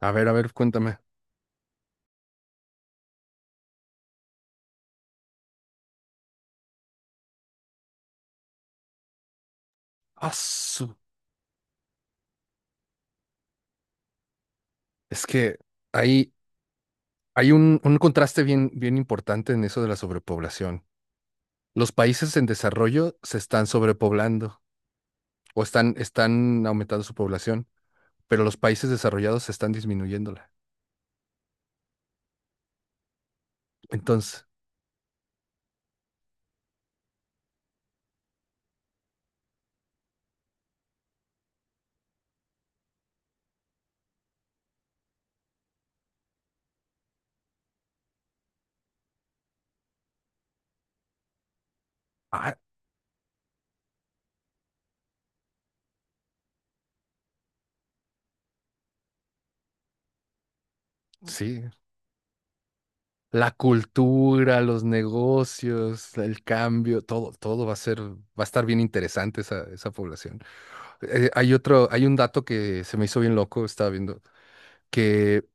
A ver, cuéntame. Ah, su- Es que hay, hay un contraste bien importante en eso de la sobrepoblación. Los países en desarrollo se están sobrepoblando o están aumentando su población, pero los países desarrollados se están disminuyéndola. Entonces, ah, sí, la cultura, los negocios, el cambio, todo va a ser, va a estar bien interesante esa población. Hay otro, hay un dato que se me hizo bien loco, estaba viendo, que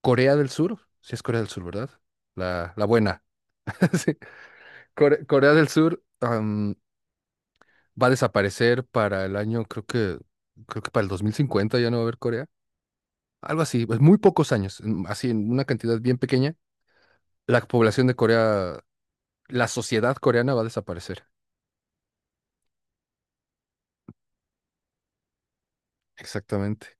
Corea del Sur, sí es Corea del Sur, ¿verdad? La buena. Sí. Corea del Sur va a desaparecer para el año, creo que para el 2050 ya no va a haber Corea. Algo así, pues muy pocos años, así en una cantidad bien pequeña. La población de Corea, la sociedad coreana va a desaparecer. Exactamente.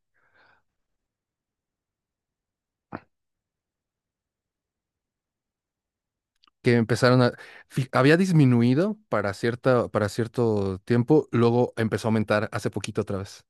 Que empezaron a... Había disminuido para cierta, para cierto tiempo, luego empezó a aumentar hace poquito otra vez.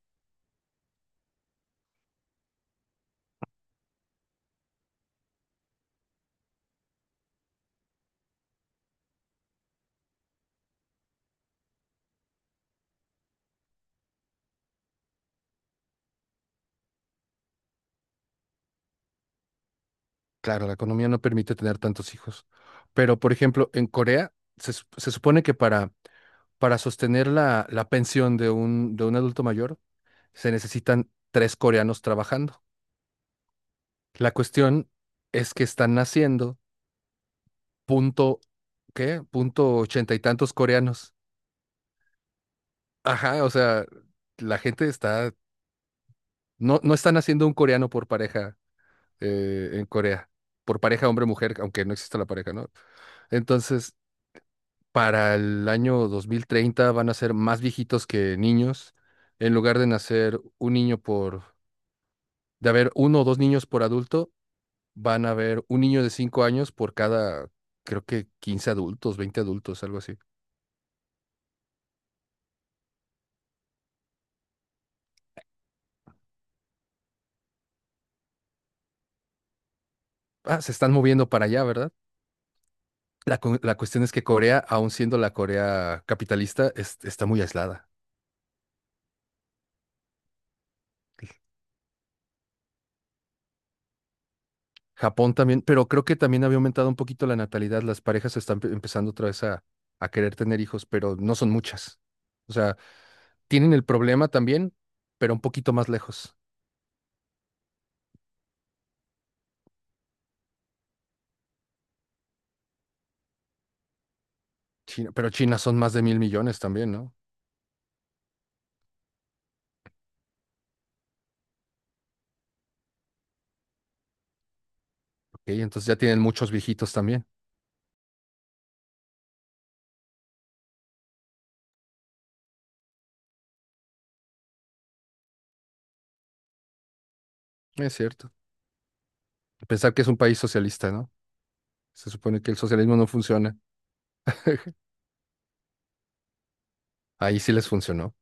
Claro, la economía no permite tener tantos hijos. Pero, por ejemplo, en Corea se supone que para sostener la pensión de de un adulto mayor se necesitan tres coreanos trabajando. La cuestión es que están naciendo punto, ¿qué? Punto ochenta y tantos coreanos. Ajá, o sea, la no, no están haciendo un coreano por pareja en Corea, por pareja hombre-mujer, aunque no exista la pareja, ¿no? Entonces, para el año 2030 van a ser más viejitos que niños. En lugar de nacer un niño por, de haber uno o dos niños por adulto, van a haber un niño de 5 años por cada, creo que 15 adultos, 20 adultos, algo así. Ah, se están moviendo para allá, ¿verdad? La cuestión es que Corea, aun siendo la Corea capitalista, está muy aislada. Japón también, pero creo que también había aumentado un poquito la natalidad. Las parejas están empezando otra vez a querer tener hijos, pero no son muchas. O sea, tienen el problema también, pero un poquito más lejos. Pero China son más de mil millones también, ¿no? Ok, entonces ya tienen muchos viejitos también. Es cierto. Pensar que es un país socialista, ¿no? Se supone que el socialismo no funciona. Ahí sí les funcionó.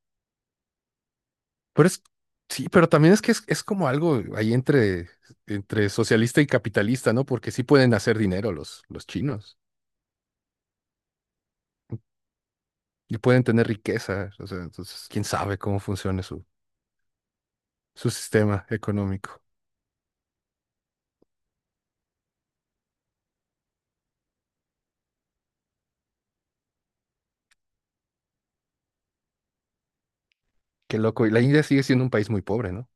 Pero es, sí, pero también es que es como algo ahí entre, entre socialista y capitalista, ¿no? Porque sí pueden hacer dinero los chinos y pueden tener riqueza. O sea, entonces, quién sabe cómo funciona su, su sistema económico. Qué loco. Y la India sigue siendo un país muy pobre, ¿no?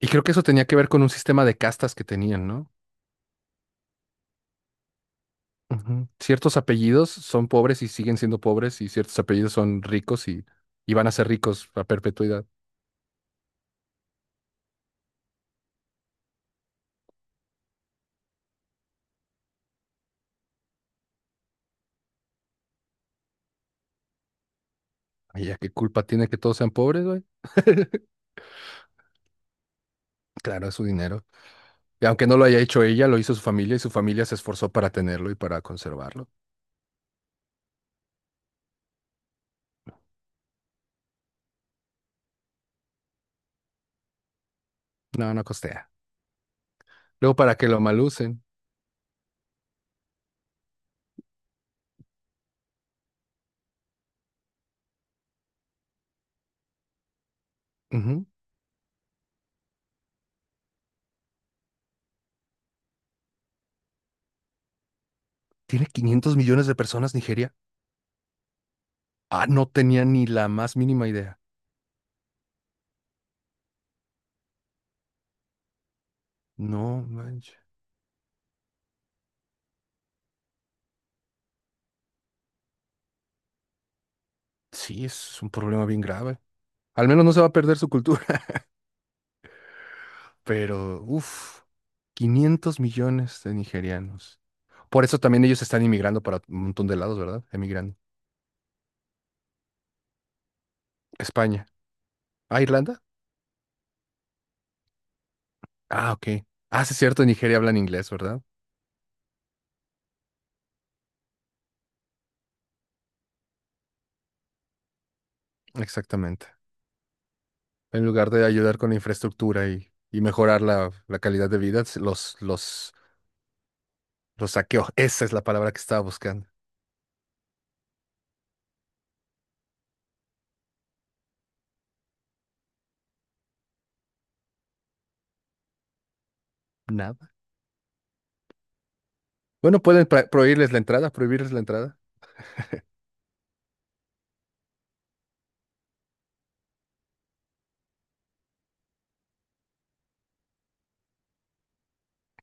Y creo que eso tenía que ver con un sistema de castas que tenían, ¿no? Ujú. Ciertos apellidos son pobres y siguen siendo pobres, y ciertos apellidos son ricos y van a ser ricos a perpetuidad. Ay, ya qué culpa tiene que todos sean pobres, güey. Claro, es su dinero. Y aunque no lo haya hecho ella, lo hizo su familia y su familia se esforzó para tenerlo y para conservarlo. No, no costea. Luego, para que lo malucen. Ujú. Tiene 500 millones de personas Nigeria. Ah, no tenía ni la más mínima idea. No, manches. Sí, es un problema bien grave. Al menos no se va a perder su cultura, pero uff, 500 millones de nigerianos. Por eso también ellos están inmigrando para un montón de lados, ¿verdad? Emigrando. España. ¿Ah, Irlanda? Ah, ok. Ah, sí, es cierto, en Nigeria hablan inglés, ¿verdad? Exactamente. En lugar de ayudar con la infraestructura y mejorar la calidad de vida, los saqueó. Esa es la palabra que estaba buscando. Bueno, pueden prohibirles la entrada, prohibirles la entrada.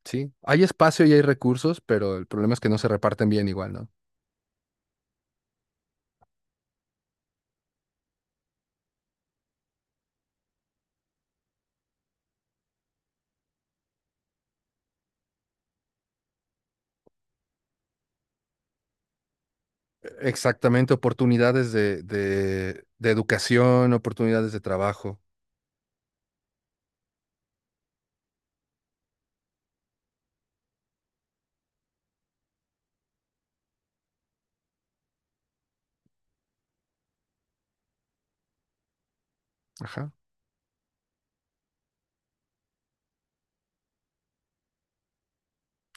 Sí, hay espacio y hay recursos, pero el problema es que no se reparten bien igual, ¿no? Exactamente, oportunidades de educación, oportunidades de trabajo. Ajá.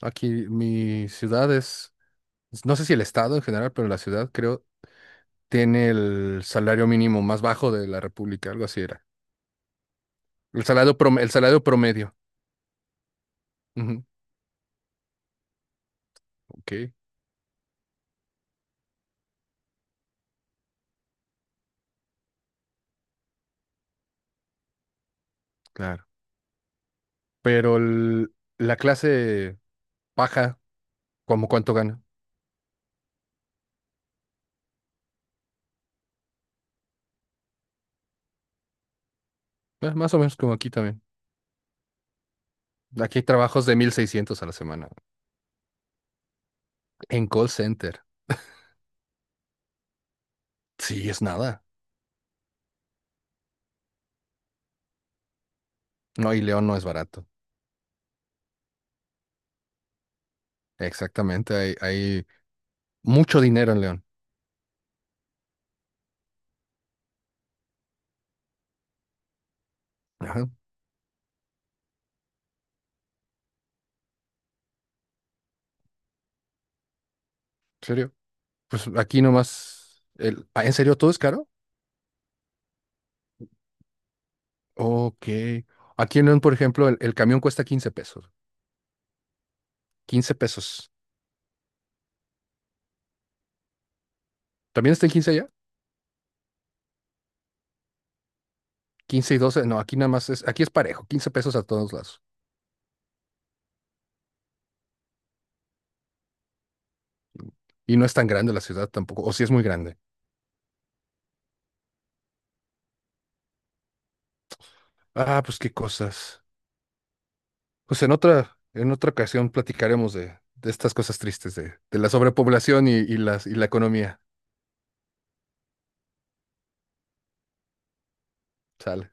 Aquí mi ciudad es, no sé si el estado en general, pero la ciudad creo tiene el salario mínimo más bajo de la República, algo así era. El salario promedio. Ujú. Ok, claro. Pero la clase baja, ¿como cuánto gana? Más o menos como aquí también. Aquí hay trabajos de 1,600 a la semana. En call center. Sí, es nada. No, y León no es barato. Exactamente. Hay mucho dinero en León. Ajá, ¿en serio? Pues aquí nomás. El... ah, ¿en serio todo es caro? Ok. Aquí en León, por ejemplo, el camión cuesta 15 pesos. 15 pesos. ¿También está en quince allá? 15 y doce. No, aquí nada más es. Aquí es parejo, 15 pesos a todos lados. Y no es tan grande la ciudad tampoco. O sí es muy grande. Ah, pues qué cosas. Pues en en otra ocasión platicaremos de estas cosas tristes, de la sobrepoblación y, y la economía. Sale.